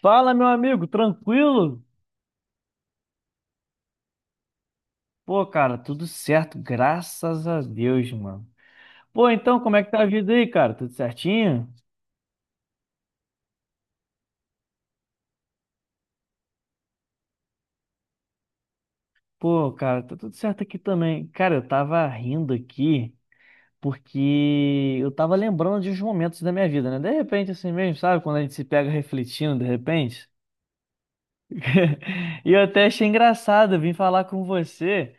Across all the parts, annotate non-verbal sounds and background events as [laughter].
Fala, meu amigo, tranquilo? Pô, cara, tudo certo, graças a Deus, mano. Pô, então, como é que tá a vida aí, cara? Tudo certinho? Pô, cara, tá tudo certo aqui também. Cara, eu tava rindo aqui porque eu tava lembrando de uns momentos da minha vida, né? De repente, assim mesmo, sabe? Quando a gente se pega refletindo, de repente. [laughs] E eu até achei engraçado, eu vim falar com você.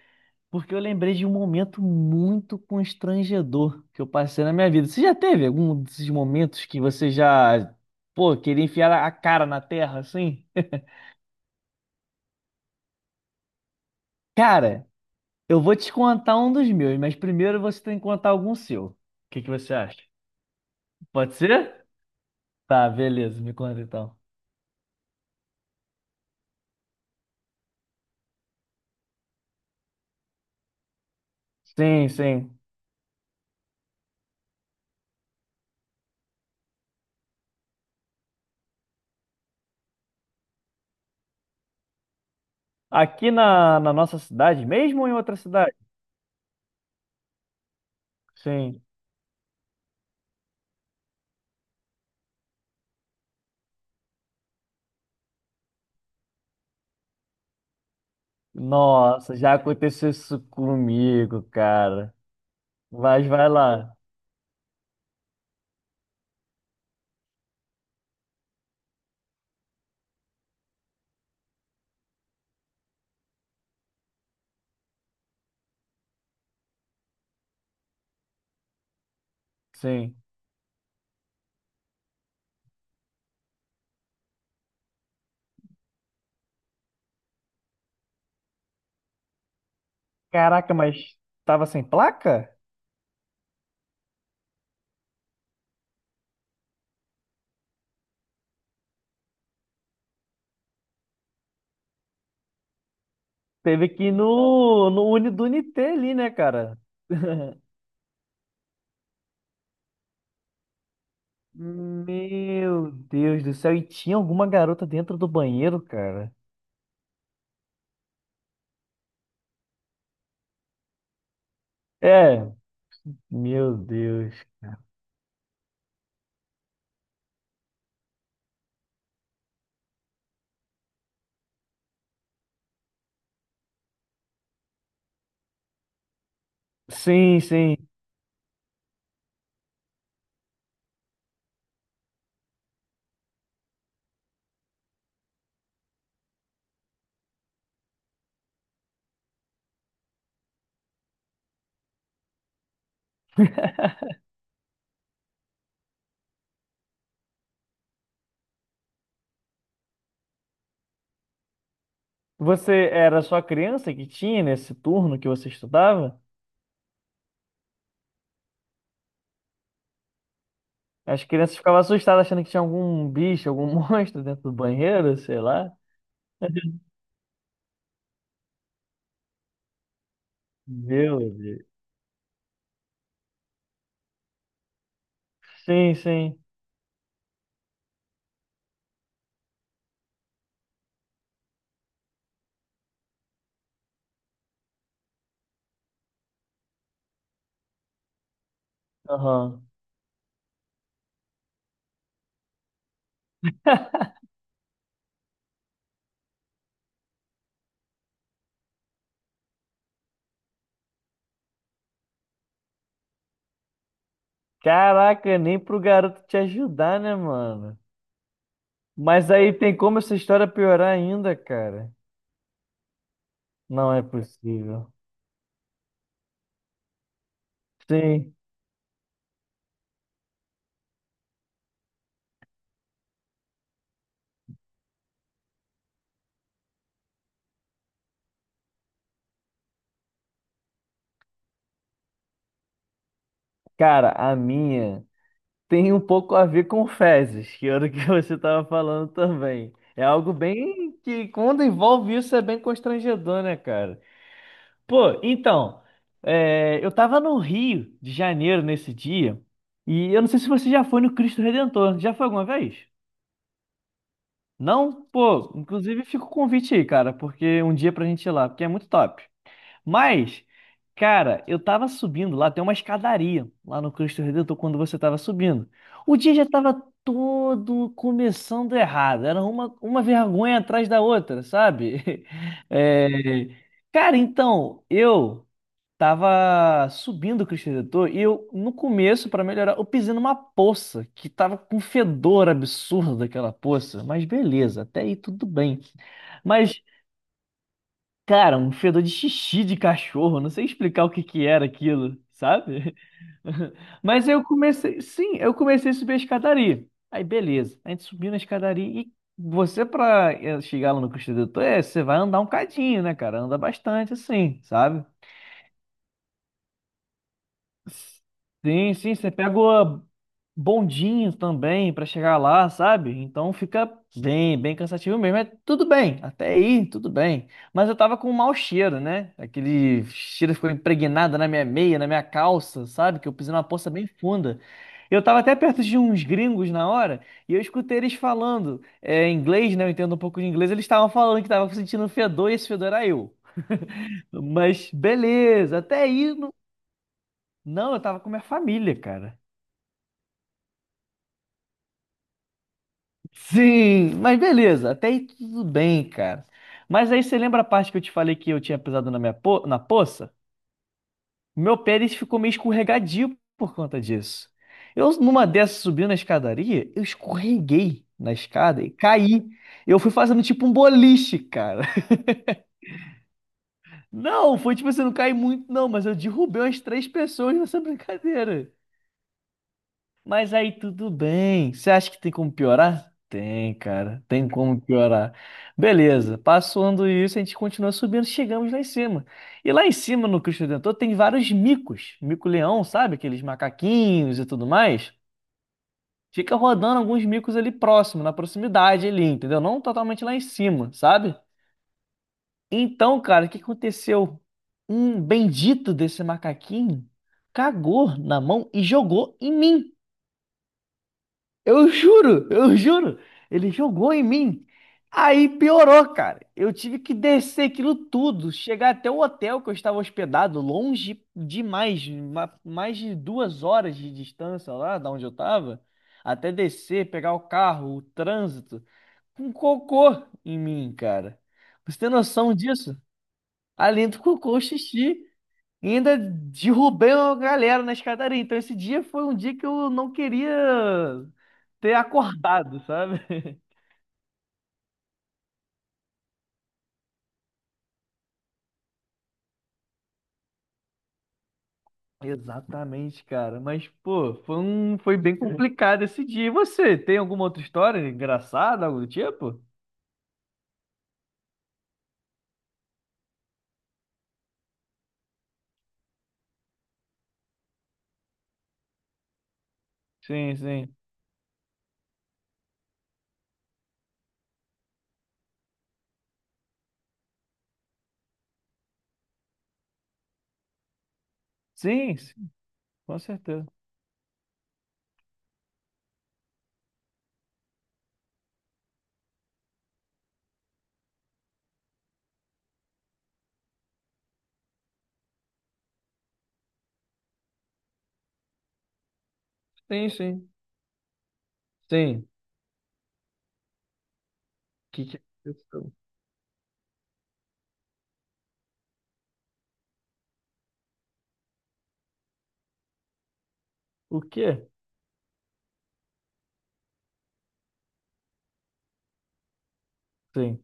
Porque eu lembrei de um momento muito constrangedor que eu passei na minha vida. Você já teve algum desses momentos que você já, pô, queria enfiar a cara na terra assim? [laughs] Cara, eu vou te contar um dos meus, mas primeiro você tem que contar algum seu. O que que você acha? Pode ser? Tá, beleza, me conta então. Sim, sim. Aqui na nossa cidade, mesmo ou em outra cidade? Sim. Nossa, já aconteceu isso comigo, cara. Mas vai lá. Sim. Caraca, mas tava sem placa? Teve que ir no, no Uni do Unité ali, né, cara? [laughs] Meu Deus do céu, e tinha alguma garota dentro do banheiro, cara? É, meu Deus. Sim, sim. Você era só criança que tinha nesse turno que você estudava? As crianças ficavam assustadas achando que tinha algum bicho, algum [laughs] monstro dentro do banheiro, sei lá. Meu Deus. Sim, sim. Aham. [laughs] Caraca, nem pro garoto te ajudar, né, mano? Mas aí tem como essa história piorar ainda, cara? Não é possível. Sim. Cara, a minha tem um pouco a ver com fezes, que era o que [laughs] você tava falando também. É algo bem que, quando envolve isso, é bem constrangedor, né, cara? Pô, então, eu tava no Rio de Janeiro nesse dia, e eu não sei se você já foi no Cristo Redentor. Já foi alguma vez? Não? Pô, inclusive fica o convite aí, cara, porque um dia pra gente ir lá, porque é muito top. Mas, cara, eu tava subindo lá, tem uma escadaria lá no Cristo Redentor quando você tava subindo. O dia já tava todo começando errado, era uma vergonha atrás da outra, sabe? [laughs] É, cara, então, eu. Tava subindo o Cristo Redentor e eu, no começo, pra melhorar, eu pisei numa poça que tava com um fedor absurdo aquela poça. Mas beleza, até aí tudo bem. Mas, cara, um fedor de xixi de cachorro, não sei explicar o que que era aquilo, sabe? [laughs] Mas eu comecei, sim, eu comecei a subir a escadaria. Aí, beleza, a gente subiu na escadaria e você, pra chegar lá no Cristo Redentor, você vai andar um cadinho, né, cara? Anda bastante assim, sabe? Sim, sim, você pega o bondinho também pra chegar lá, sabe? Então fica bem, bem cansativo mesmo. É tudo bem, até aí, tudo bem. Mas eu tava com um mau cheiro, né? Aquele cheiro ficou impregnado na minha meia, na minha calça, sabe? Que eu pisei numa poça bem funda. Eu tava até perto de uns gringos na hora e eu escutei eles falando inglês, né? Eu entendo um pouco de inglês. Eles estavam falando que tava sentindo um fedor e esse fedor era eu. Mas beleza, até aí. Não, eu tava com minha família, cara. Sim, mas beleza, até aí tudo bem, cara. Mas aí você lembra a parte que eu te falei que eu tinha pisado na minha po na poça? Meu pé ele ficou meio escorregadio por conta disso. Eu, numa dessas, subindo na escadaria, eu escorreguei na escada e caí. Eu fui fazendo tipo um boliche, cara. [laughs] Não, foi tipo assim, não caí muito, não, mas eu derrubei umas 3 pessoas nessa [laughs] brincadeira. Mas aí tudo bem. Você acha que tem como piorar? Tem, cara. Tem como piorar. Beleza. Passando isso, a gente continua subindo, chegamos lá em cima. E lá em cima, no Cristo Redentor, tem vários micos. Mico-leão, sabe? Aqueles macaquinhos e tudo mais. Fica rodando alguns micos ali próximo, na proximidade ali, entendeu? Não totalmente lá em cima, sabe? Então, cara, o que aconteceu? Um bendito desse macaquinho cagou na mão e jogou em mim. Eu juro, eu juro. Ele jogou em mim. Aí piorou, cara. Eu tive que descer aquilo tudo, chegar até o hotel que eu estava hospedado, longe demais, mais de 2 horas de distância lá da onde eu estava, até descer, pegar o carro, o trânsito, com cocô em mim, cara. Você tem noção disso? Além do cocô, o xixi. E ainda derrubei uma galera na escadaria. Então esse dia foi um dia que eu não queria ter acordado, sabe? [laughs] Exatamente, cara. Mas, pô, foi um... foi bem complicado esse dia. E você, tem alguma outra história engraçada, algo do tipo? Sim, sim. Sim, sim, com certeza. Sim, sim. Sim. Que aconteceu? O quê? Sim.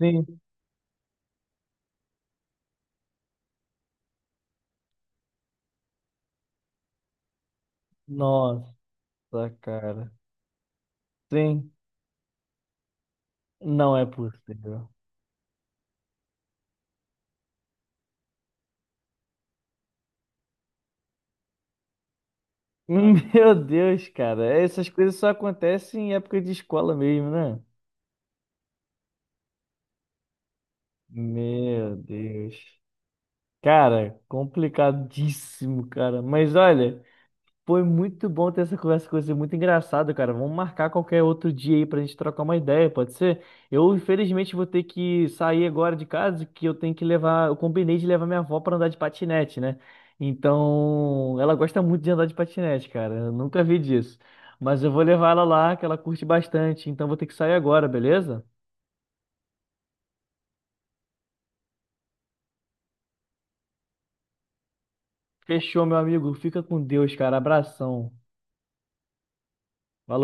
Sim. Nossa, cara. Sim. Não é possível. [laughs] Meu Deus, cara, essas coisas só acontecem em época de escola mesmo, né? Meu Deus. Cara, complicadíssimo, cara. Mas olha. Foi muito bom ter essa conversa com você, muito engraçado, cara. Vamos marcar qualquer outro dia aí pra gente trocar uma ideia, pode ser? Eu, infelizmente, vou ter que sair agora de casa, que eu tenho que levar, eu combinei de levar minha avó pra andar de patinete, né? Então, ela gosta muito de andar de patinete, cara. Eu nunca vi disso. Mas eu vou levar ela lá, que ela curte bastante. Então, vou ter que sair agora, beleza? Fechou, meu amigo. Fica com Deus, cara. Abração. Valeu.